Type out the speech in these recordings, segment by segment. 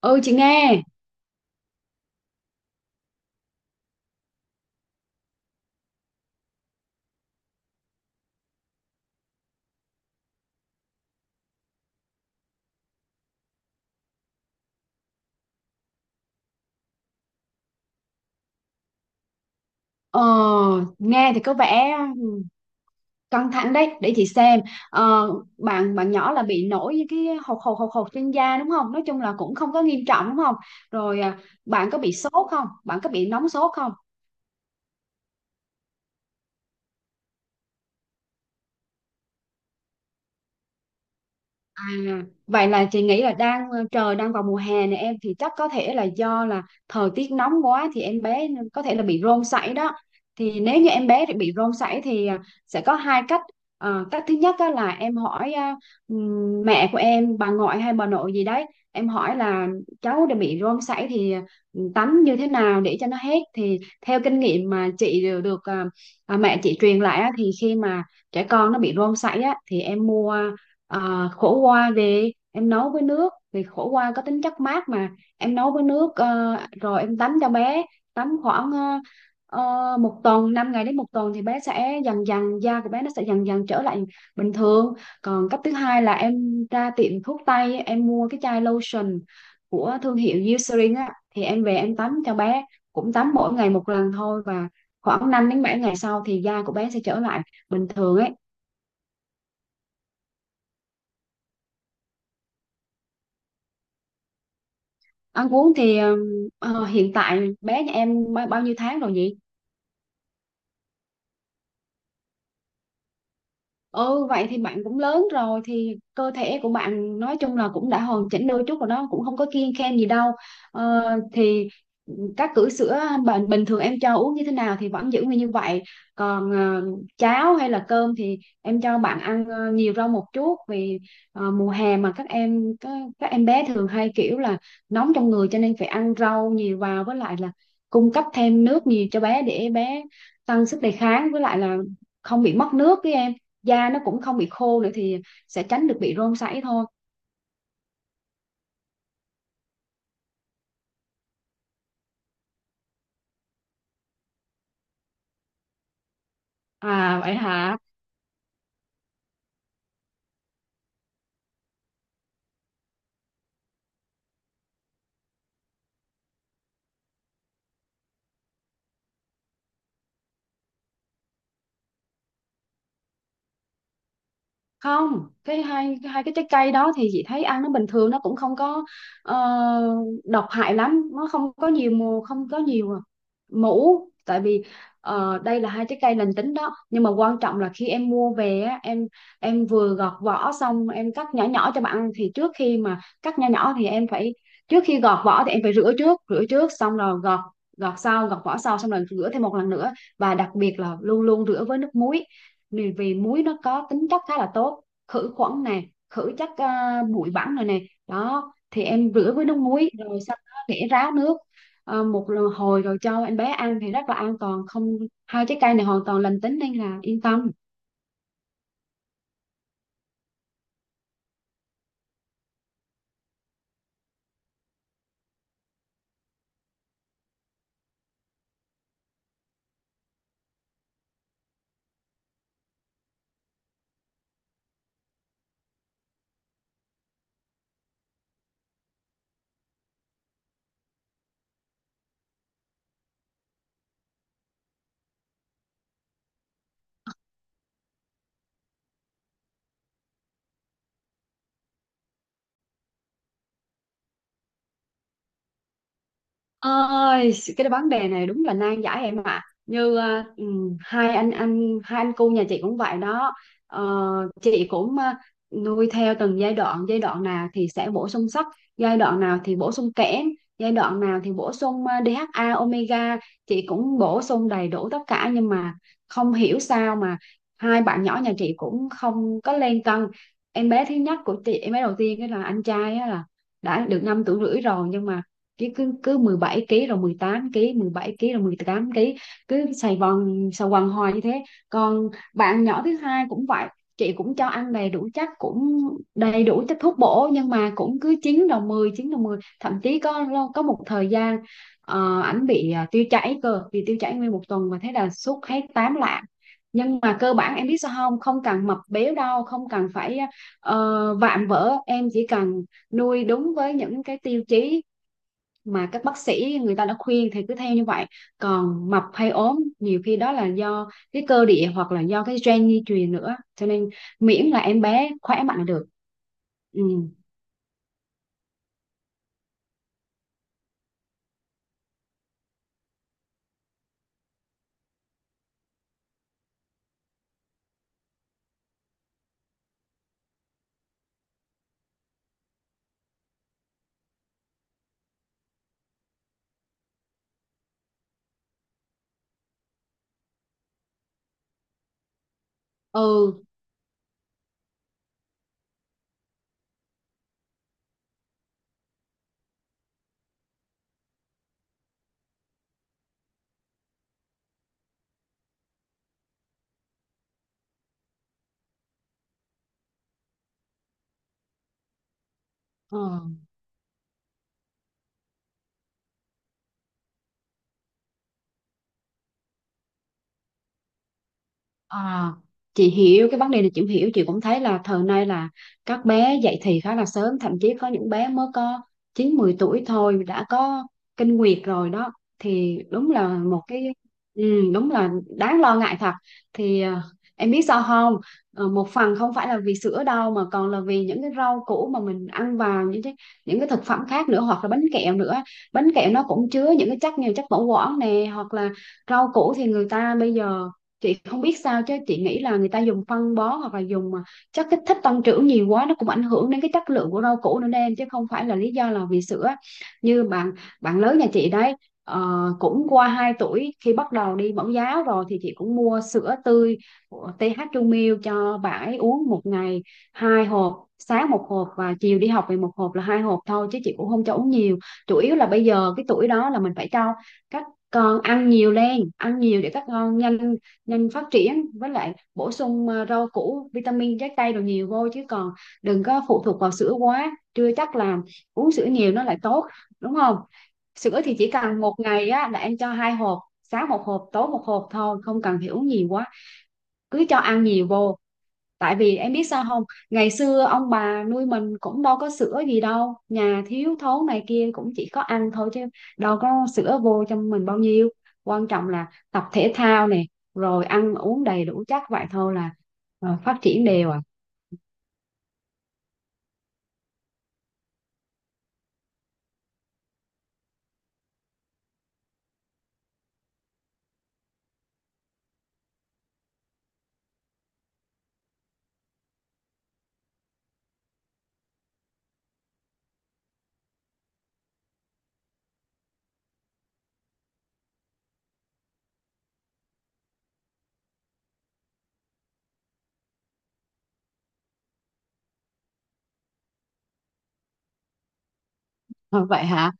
Ừ chị nghe. ờ, Nghe thì có vẻ căng thẳng đấy, để chị xem. ờ, bạn bạn nhỏ là bị nổi những cái hột hột hột hột trên da đúng không? Nói chung là cũng không có nghiêm trọng đúng không? rồi à, Bạn có bị sốt không, bạn có bị nóng sốt không? À, vậy là chị nghĩ là đang trời đang vào mùa hè này em, thì chắc có thể là do là thời tiết nóng quá thì em bé có thể là bị rôm sảy đó. Thì nếu như em bé bị rôm sảy thì sẽ có hai cách. Cách thứ nhất á là em hỏi mẹ của em, bà ngoại hay bà nội gì đấy, em hỏi là cháu đã bị rôm sảy thì tắm như thế nào để cho nó hết. Thì theo kinh nghiệm mà chị đều được mẹ chị truyền lại á, thì khi mà trẻ con nó bị rôm sảy á thì em mua khổ qua, thì em nấu với nước, thì khổ qua có tính chất mát mà. Em nấu với nước rồi em tắm cho bé, tắm khoảng 1 tuần, 5 ngày đến 1 tuần thì bé sẽ dần dần, da của bé nó sẽ dần dần trở lại bình thường. Còn cách thứ hai là em ra tiệm thuốc tây em mua cái chai lotion của thương hiệu Eucerin á, thì em về em tắm cho bé, cũng tắm mỗi ngày một lần thôi, và khoảng 5 đến 7 ngày sau thì da của bé sẽ trở lại bình thường ấy. Ăn uống thì hiện tại bé nhà em bao nhiêu tháng rồi nhỉ? Ừ, vậy thì bạn cũng lớn rồi, thì cơ thể của bạn nói chung là cũng đã hoàn chỉnh đôi chút rồi đó, cũng không có kiêng khem gì đâu. ờ, thì các cữ sữa bình bình thường em cho uống như thế nào thì vẫn giữ nguyên như vậy. Còn cháo hay là cơm thì em cho bạn ăn nhiều rau một chút, vì mùa hè mà các em bé thường hay kiểu là nóng trong người, cho nên phải ăn rau nhiều vào, với lại là cung cấp thêm nước nhiều cho bé để bé tăng sức đề kháng, với lại là không bị mất nước, với em da nó cũng không bị khô nữa, thì sẽ tránh được bị rôm sảy thôi. À vậy hả? Không, cái hai hai cái trái cây đó thì chị thấy ăn nó bình thường, nó cũng không có ờ, độc hại lắm, nó không có nhiều mù, không có nhiều mũ. Tại vì đây là hai trái cây lành tính đó, nhưng mà quan trọng là khi em mua về á, em vừa gọt vỏ xong em cắt nhỏ nhỏ cho bạn ăn, thì trước khi mà cắt nhỏ nhỏ thì em phải, trước khi gọt vỏ thì em phải rửa trước, rửa trước xong rồi gọt, gọt sau, gọt vỏ sau xong rồi rửa thêm một lần nữa, và đặc biệt là luôn luôn rửa với nước muối. Vì muối nó có tính chất khá là tốt, khử khuẩn nè, khử chất bụi bẩn rồi nè, đó. Thì em rửa với nước muối rồi sau đó để ráo nước, hồi rồi cho em bé ăn thì rất là an toàn. Không, hai trái cây này hoàn toàn lành tính nên là yên tâm. Ơi, cái vấn đề này đúng là nan giải em ạ. Như hai anh cu nhà chị cũng vậy đó. Ờ, chị cũng nuôi theo từng giai đoạn nào thì sẽ bổ sung sắt, giai đoạn nào thì bổ sung kẽm, giai đoạn nào thì bổ sung DHA omega, chị cũng bổ sung đầy đủ tất cả nhưng mà không hiểu sao mà hai bạn nhỏ nhà chị cũng không có lên cân. Em bé thứ nhất của chị, em bé đầu tiên đó là anh trai á, là đã được 5 tuổi rưỡi rồi, nhưng mà cứ cứ cứ 17 ký rồi 18 ký, 17 ký rồi 18 ký, cứ xài vòng xà quần hoài như thế. Còn bạn nhỏ thứ hai cũng vậy, chị cũng cho ăn đầy đủ chất, cũng đầy đủ chất thuốc bổ, nhưng mà cũng cứ 9 đầu mười, 9 đầu mười, thậm chí có một thời gian ảnh bị tiêu chảy, cơ bị tiêu chảy nguyên 1 tuần và thế là suốt hết 8 lạng. Nhưng mà cơ bản em biết sao không, không cần mập béo đâu, không cần phải ờ, vạm vỡ, em chỉ cần nuôi đúng với những cái tiêu chí mà các bác sĩ người ta đã khuyên thì cứ theo như vậy. Còn mập hay ốm nhiều khi đó là do cái cơ địa, hoặc là do cái gen di truyền nữa, cho nên miễn là em bé khỏe mạnh là được. Ừ. Ừ. Ờ. À, chị hiểu cái vấn đề này, chị cũng hiểu, chị cũng thấy là thời nay là các bé dậy thì khá là sớm, thậm chí có những bé mới có 9 10 tuổi thôi đã có kinh nguyệt rồi đó. Thì đúng là một cái, ừ, đúng là đáng lo ngại thật. Thì em biết sao không, một phần không phải là vì sữa đâu, mà còn là vì những cái rau củ mà mình ăn vào, những cái thực phẩm khác nữa, hoặc là bánh kẹo nữa. Bánh kẹo nó cũng chứa những cái chất như chất bảo quản nè, hoặc là rau củ thì người ta bây giờ, chị không biết sao chứ chị nghĩ là người ta dùng phân bón, hoặc là dùng mà chất kích thích tăng trưởng nhiều quá, nó cũng ảnh hưởng đến cái chất lượng của rau củ nữa đó em, chứ không phải là lý do là vì sữa. Như bạn bạn lớn nhà chị đấy, ờ, cũng qua 2 tuổi, khi bắt đầu đi mẫu giáo rồi thì chị cũng mua sữa tươi của TH Trung Milk cho bạn ấy uống, một ngày 2 hộp, sáng một hộp và chiều đi học về một hộp, là 2 hộp thôi, chứ chị cũng không cho uống nhiều. Chủ yếu là bây giờ cái tuổi đó là mình phải cho các con ăn nhiều lên, ăn nhiều để các con nhanh nhanh phát triển, với lại bổ sung rau củ, vitamin, trái cây đồ nhiều vô, chứ còn đừng có phụ thuộc vào sữa quá, chưa chắc là uống sữa nhiều nó lại tốt, đúng không? Sữa thì chỉ cần một ngày á là em cho 2 hộp, sáng một hộp tối một hộp thôi, không cần phải uống nhiều quá, cứ cho ăn nhiều vô. Tại vì em biết sao không, ngày xưa ông bà nuôi mình cũng đâu có sữa gì đâu, nhà thiếu thốn này kia cũng chỉ có ăn thôi chứ đâu có sữa vô cho mình bao nhiêu. Quan trọng là tập thể thao nè, rồi ăn uống đầy đủ, chắc vậy thôi là phát triển đều à. Ờ, vậy hả?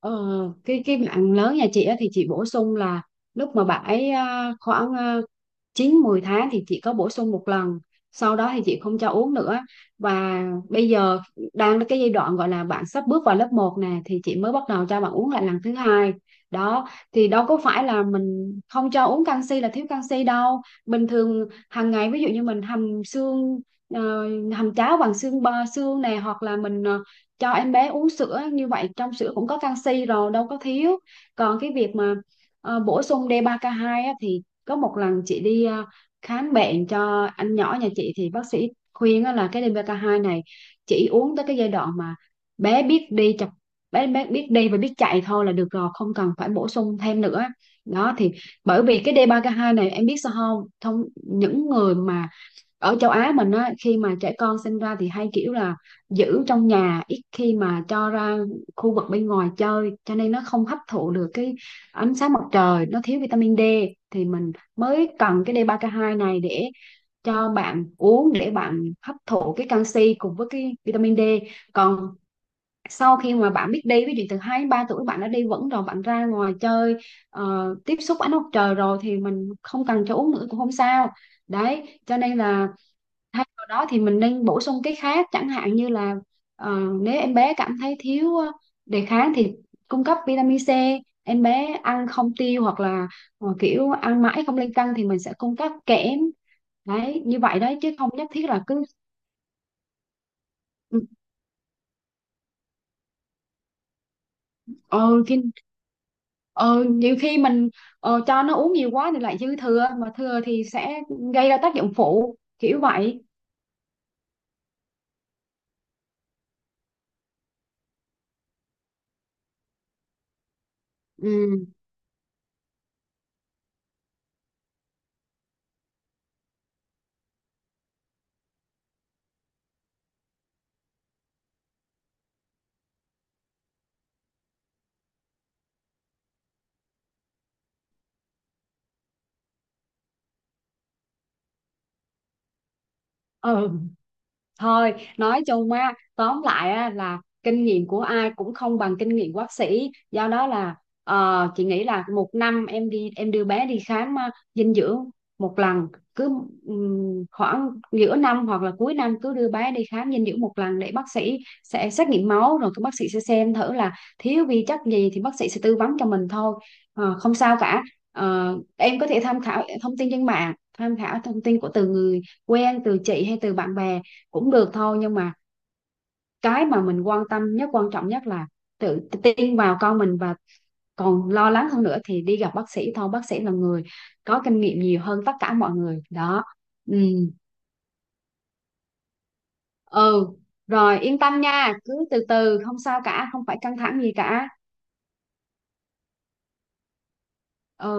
Ờ, cái bạn lớn nhà chị á, thì chị bổ sung là lúc mà bạn ấy khoảng 9 10 tháng thì chị có bổ sung một lần, sau đó thì chị không cho uống nữa. Và bây giờ đang cái giai đoạn gọi là bạn sắp bước vào lớp một nè, thì chị mới bắt đầu cho bạn uống lại lần thứ hai. Đó, thì đâu có phải là mình không cho uống canxi là thiếu canxi đâu. Bình thường hàng ngày ví dụ như mình hầm xương, ờ, hầm cháo bằng xương bò, xương này, hoặc là mình cho em bé uống sữa, như vậy trong sữa cũng có canxi rồi, đâu có thiếu. Còn cái việc mà bổ sung D3K2 á, thì có một lần chị đi khám bệnh cho anh nhỏ nhà chị thì bác sĩ khuyên á, là cái D3K2 này chỉ uống tới cái giai đoạn mà bé biết đi chập bé bé biết đi và biết chạy thôi là được rồi, không cần phải bổ sung thêm nữa đó. Thì bởi vì cái D3K2 này em biết sao không, thông những người mà ở châu Á mình á, khi mà trẻ con sinh ra thì hay kiểu là giữ trong nhà, ít khi mà cho ra khu vực bên ngoài chơi, cho nên nó không hấp thụ được cái ánh sáng mặt trời, nó thiếu vitamin D, thì mình mới cần cái D3K2 này để cho bạn uống, để bạn hấp thụ cái canxi cùng với cái vitamin D. Còn sau khi mà bạn biết đi, ví dụ từ 2 đến 3 tuổi, bạn đã đi vẫn rồi, bạn ra ngoài chơi, tiếp xúc ánh mặt trời rồi, thì mình không cần cho uống nữa cũng không sao. Đấy cho nên là thay vào đó thì mình nên bổ sung cái khác, chẳng hạn như là nếu em bé cảm thấy thiếu đề kháng thì cung cấp vitamin C. Em bé ăn không tiêu hoặc là kiểu ăn mãi không lên cân thì mình sẽ cung cấp kẽm. Đấy như vậy đấy, chứ không nhất thiết là cứ ừ, ờ, khi ờ, nhiều khi mình cho nó uống nhiều quá thì lại dư thừa, mà thừa thì sẽ gây ra tác dụng phụ kiểu vậy. Ừ. ừ Thôi nói chung á, tóm lại á là kinh nghiệm của ai cũng không bằng kinh nghiệm của bác sĩ, do đó là chị nghĩ là một năm em đi, em đưa bé đi khám dinh dưỡng một lần, cứ khoảng giữa năm hoặc là cuối năm cứ đưa bé đi khám dinh dưỡng một lần, để bác sĩ sẽ xét nghiệm máu rồi các bác sĩ sẽ xem thử là thiếu vi chất gì thì bác sĩ sẽ tư vấn cho mình thôi. Ờ, không sao cả. Ờ, em có thể tham khảo thông tin trên mạng, tham khảo thông tin của từ người quen, từ chị hay từ bạn bè cũng được thôi, nhưng mà cái mà mình quan tâm nhất, quan trọng nhất là tự tin vào con mình, và còn lo lắng hơn nữa thì đi gặp bác sĩ thôi, bác sĩ là người có kinh nghiệm nhiều hơn tất cả mọi người đó. Ừ. Ừ, rồi yên tâm nha, cứ từ từ không sao cả, không phải căng thẳng gì cả. Ừ.